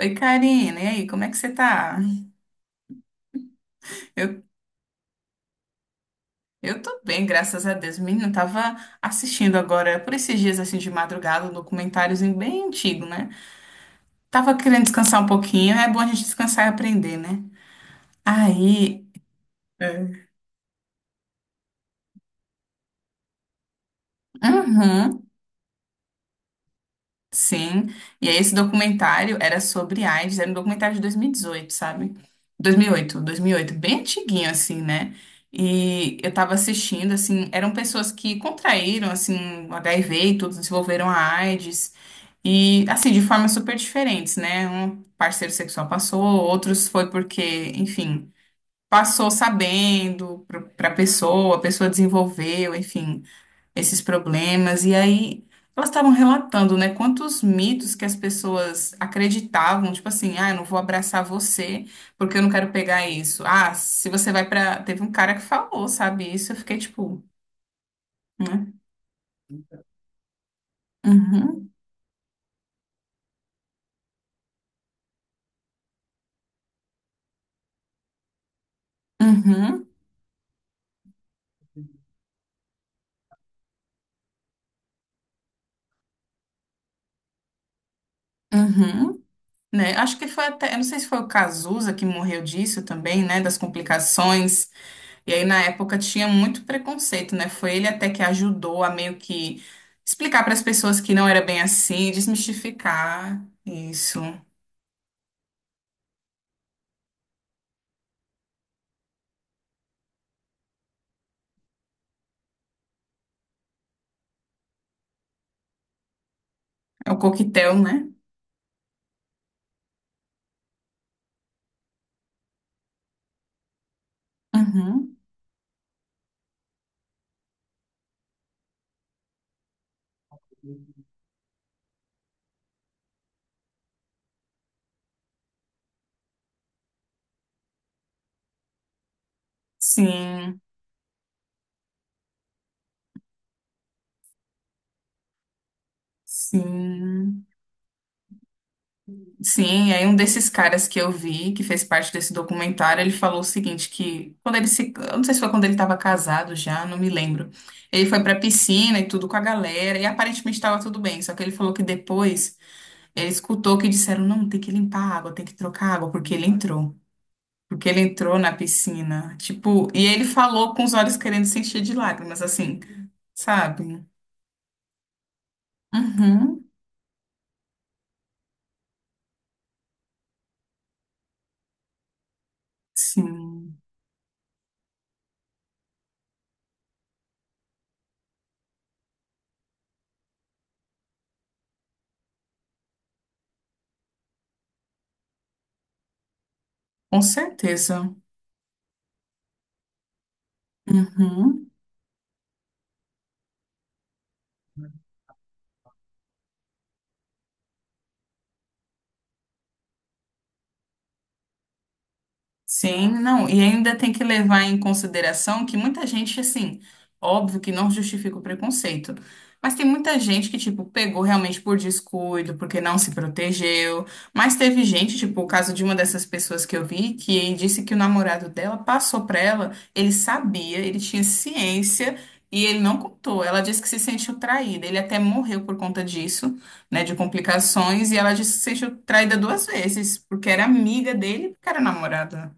Oi, Karina, e aí, como é que você tá? Eu, eu tô bem, graças a Deus. Menina, eu tava assistindo agora, por esses dias assim de madrugada, um documentáriozinho bem antigo, né? Tava querendo descansar um pouquinho, é bom a gente descansar e aprender, né? Aí, é. Uhum. Sim, e aí esse documentário era sobre AIDS, era um documentário de 2018, sabe? Dois dois mil mil e oito dois mil e oito bem antiguinho assim, né? E eu tava assistindo, assim, eram pessoas que contraíram, assim, o HIV e tudo, desenvolveram a AIDS, e, assim, de formas super diferentes, né? Um parceiro sexual passou, outros foi porque, enfim, passou sabendo pra pessoa, a pessoa desenvolveu, enfim, esses problemas. E aí elas estavam relatando, né, quantos mitos que as pessoas acreditavam, tipo assim, ah, eu não vou abraçar você porque eu não quero pegar isso. Ah, se você vai pra. Teve um cara que falou, sabe, isso, eu fiquei tipo, né? Uhum, uhum, uhum. Né? Acho que foi até, eu não sei se foi o Cazuza que morreu disso também, né? Das complicações. E aí, na época, tinha muito preconceito, né? Foi ele até que ajudou a meio que explicar para as pessoas que não era bem assim, desmistificar isso. É o coquetel, né? Uhum. Sim, sim. Sim, e aí um desses caras que eu vi, que fez parte desse documentário, ele falou o seguinte, que quando ele se... Eu não sei se foi quando ele estava casado já, não me lembro. Ele foi pra piscina e tudo com a galera, e aparentemente estava tudo bem, só que ele falou que depois... Ele escutou que disseram, não, tem que limpar a água, tem que trocar a água, porque ele entrou. Porque ele entrou na piscina. Tipo, e ele falou com os olhos querendo se encher de lágrimas, assim, sabe? Uhum, sim, com certeza. Uhum. Sim, não, e ainda tem que levar em consideração que muita gente, assim, óbvio que não justifica o preconceito, mas tem muita gente que, tipo, pegou realmente por descuido, porque não se protegeu, mas teve gente, tipo, o caso de uma dessas pessoas que eu vi, que disse que o namorado dela passou pra ela, ele sabia, ele tinha ciência e ele não contou. Ela disse que se sentiu traída, ele até morreu por conta disso, né, de complicações, e ela disse que se sentiu traída duas vezes, porque era amiga dele e porque era namorada.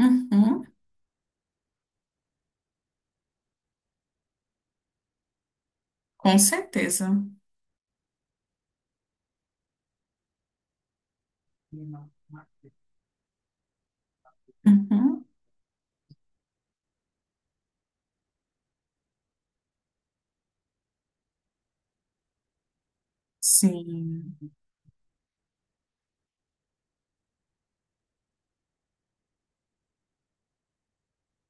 Uhum, com certeza. Uhum, sim.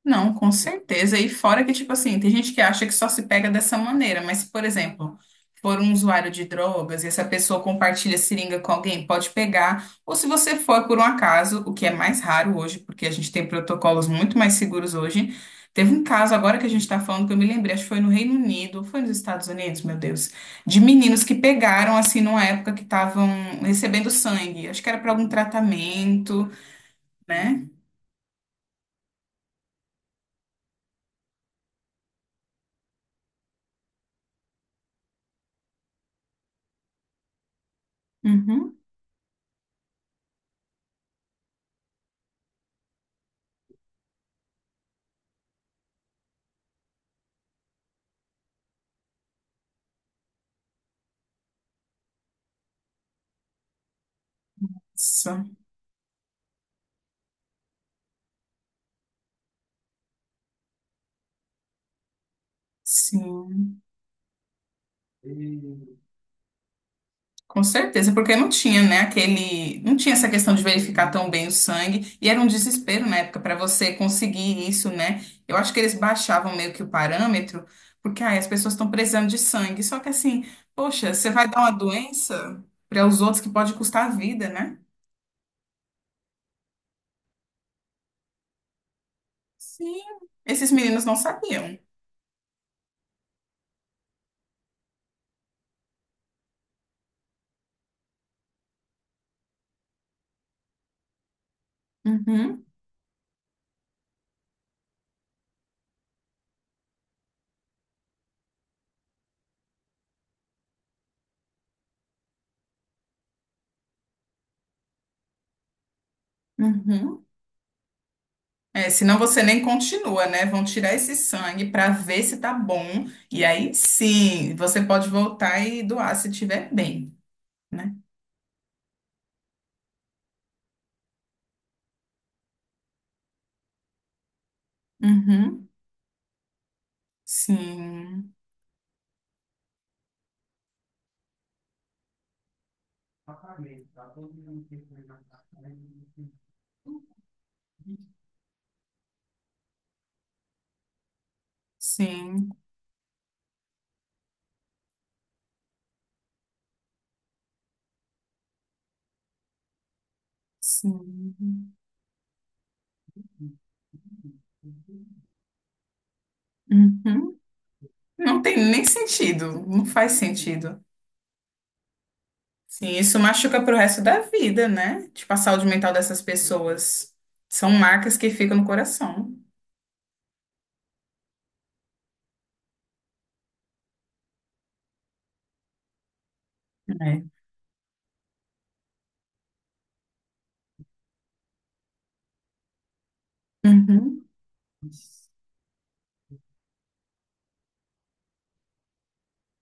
Não, com certeza. E fora que, tipo assim, tem gente que acha que só se pega dessa maneira, mas se, por exemplo, for um usuário de drogas e essa pessoa compartilha seringa com alguém, pode pegar. Ou se você for por um acaso, o que é mais raro hoje, porque a gente tem protocolos muito mais seguros hoje. Teve um caso agora que a gente está falando que eu me lembrei, acho que foi no Reino Unido, foi nos Estados Unidos, meu Deus, de meninos que pegaram, assim, numa época que estavam recebendo sangue. Acho que era para algum tratamento, né? Uhum. Isso. Sim. Com certeza, porque não tinha, né, aquele, não tinha essa questão de verificar tão bem o sangue, e era um desespero na época para você conseguir isso, né? Eu acho que eles baixavam meio que o parâmetro, porque ai, as pessoas estão precisando de sangue. Só que assim, poxa, você vai dar uma doença para os outros que pode custar a vida, né? Sim, esses meninos não sabiam. Uhum, uhum. É, senão você nem continua, né? Vão tirar esse sangue para ver se tá bom. E aí sim, você pode voltar e doar se tiver bem. Né? Uhum. Sim, sim, sim. Uhum. Não tem nem sentido, não faz sentido. Sim, isso machuca pro resto da vida, né? Tipo, a saúde mental dessas pessoas. São marcas que ficam no coração. É. Uhum.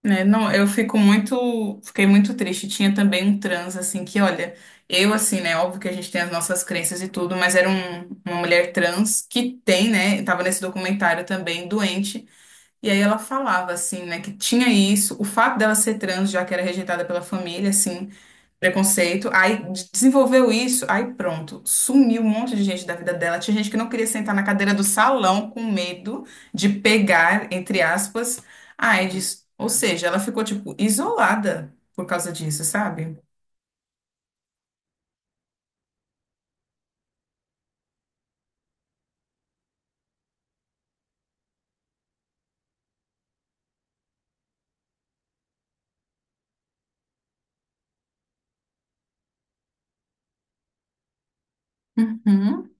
Né, não, eu fico muito, fiquei muito triste. Tinha também um trans, assim, que, olha, eu, assim, né, óbvio que a gente tem as nossas crenças e tudo, mas era um- uma mulher trans que tem, né, tava nesse documentário também, doente. E aí ela falava, assim, né, que tinha isso, o fato dela ser trans, já que era rejeitada pela família, assim, preconceito, aí de- desenvolveu isso, aí pronto, sumiu um monte de gente da vida dela. Tinha gente que não queria sentar na cadeira do salão com medo de pegar, entre aspas, a AIDS. Ou seja, ela ficou, tipo, isolada por causa disso, sabe? Uhum,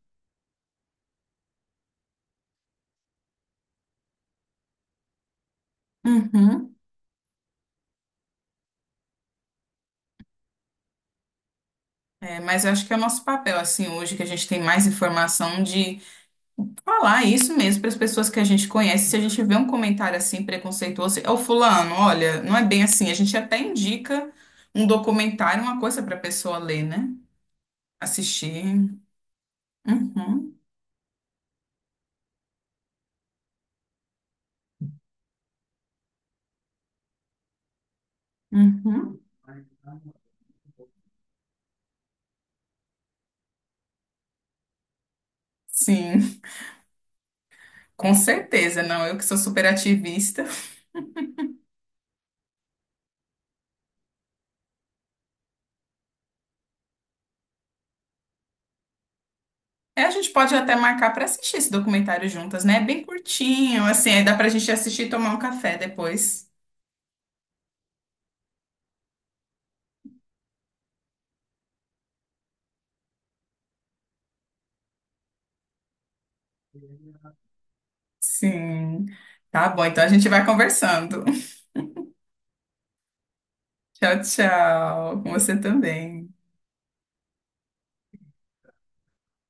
uhum. É, mas eu acho que é o nosso papel, assim, hoje, que a gente tem mais informação de falar isso mesmo para as pessoas que a gente conhece, se a gente vê um comentário assim preconceituoso, é o fulano, olha, não é bem assim. A gente até indica um documentário, uma coisa para a pessoa ler, né? Assistir. Uhum, uhum. Sim, com certeza. Não, eu que sou super ativista. É, a gente pode até marcar para assistir esse documentário juntas, né? É bem curtinho, assim, aí dá para a gente assistir e tomar um café depois. Sim. Tá bom, então a gente vai conversando. Tchau, tchau. Com você também.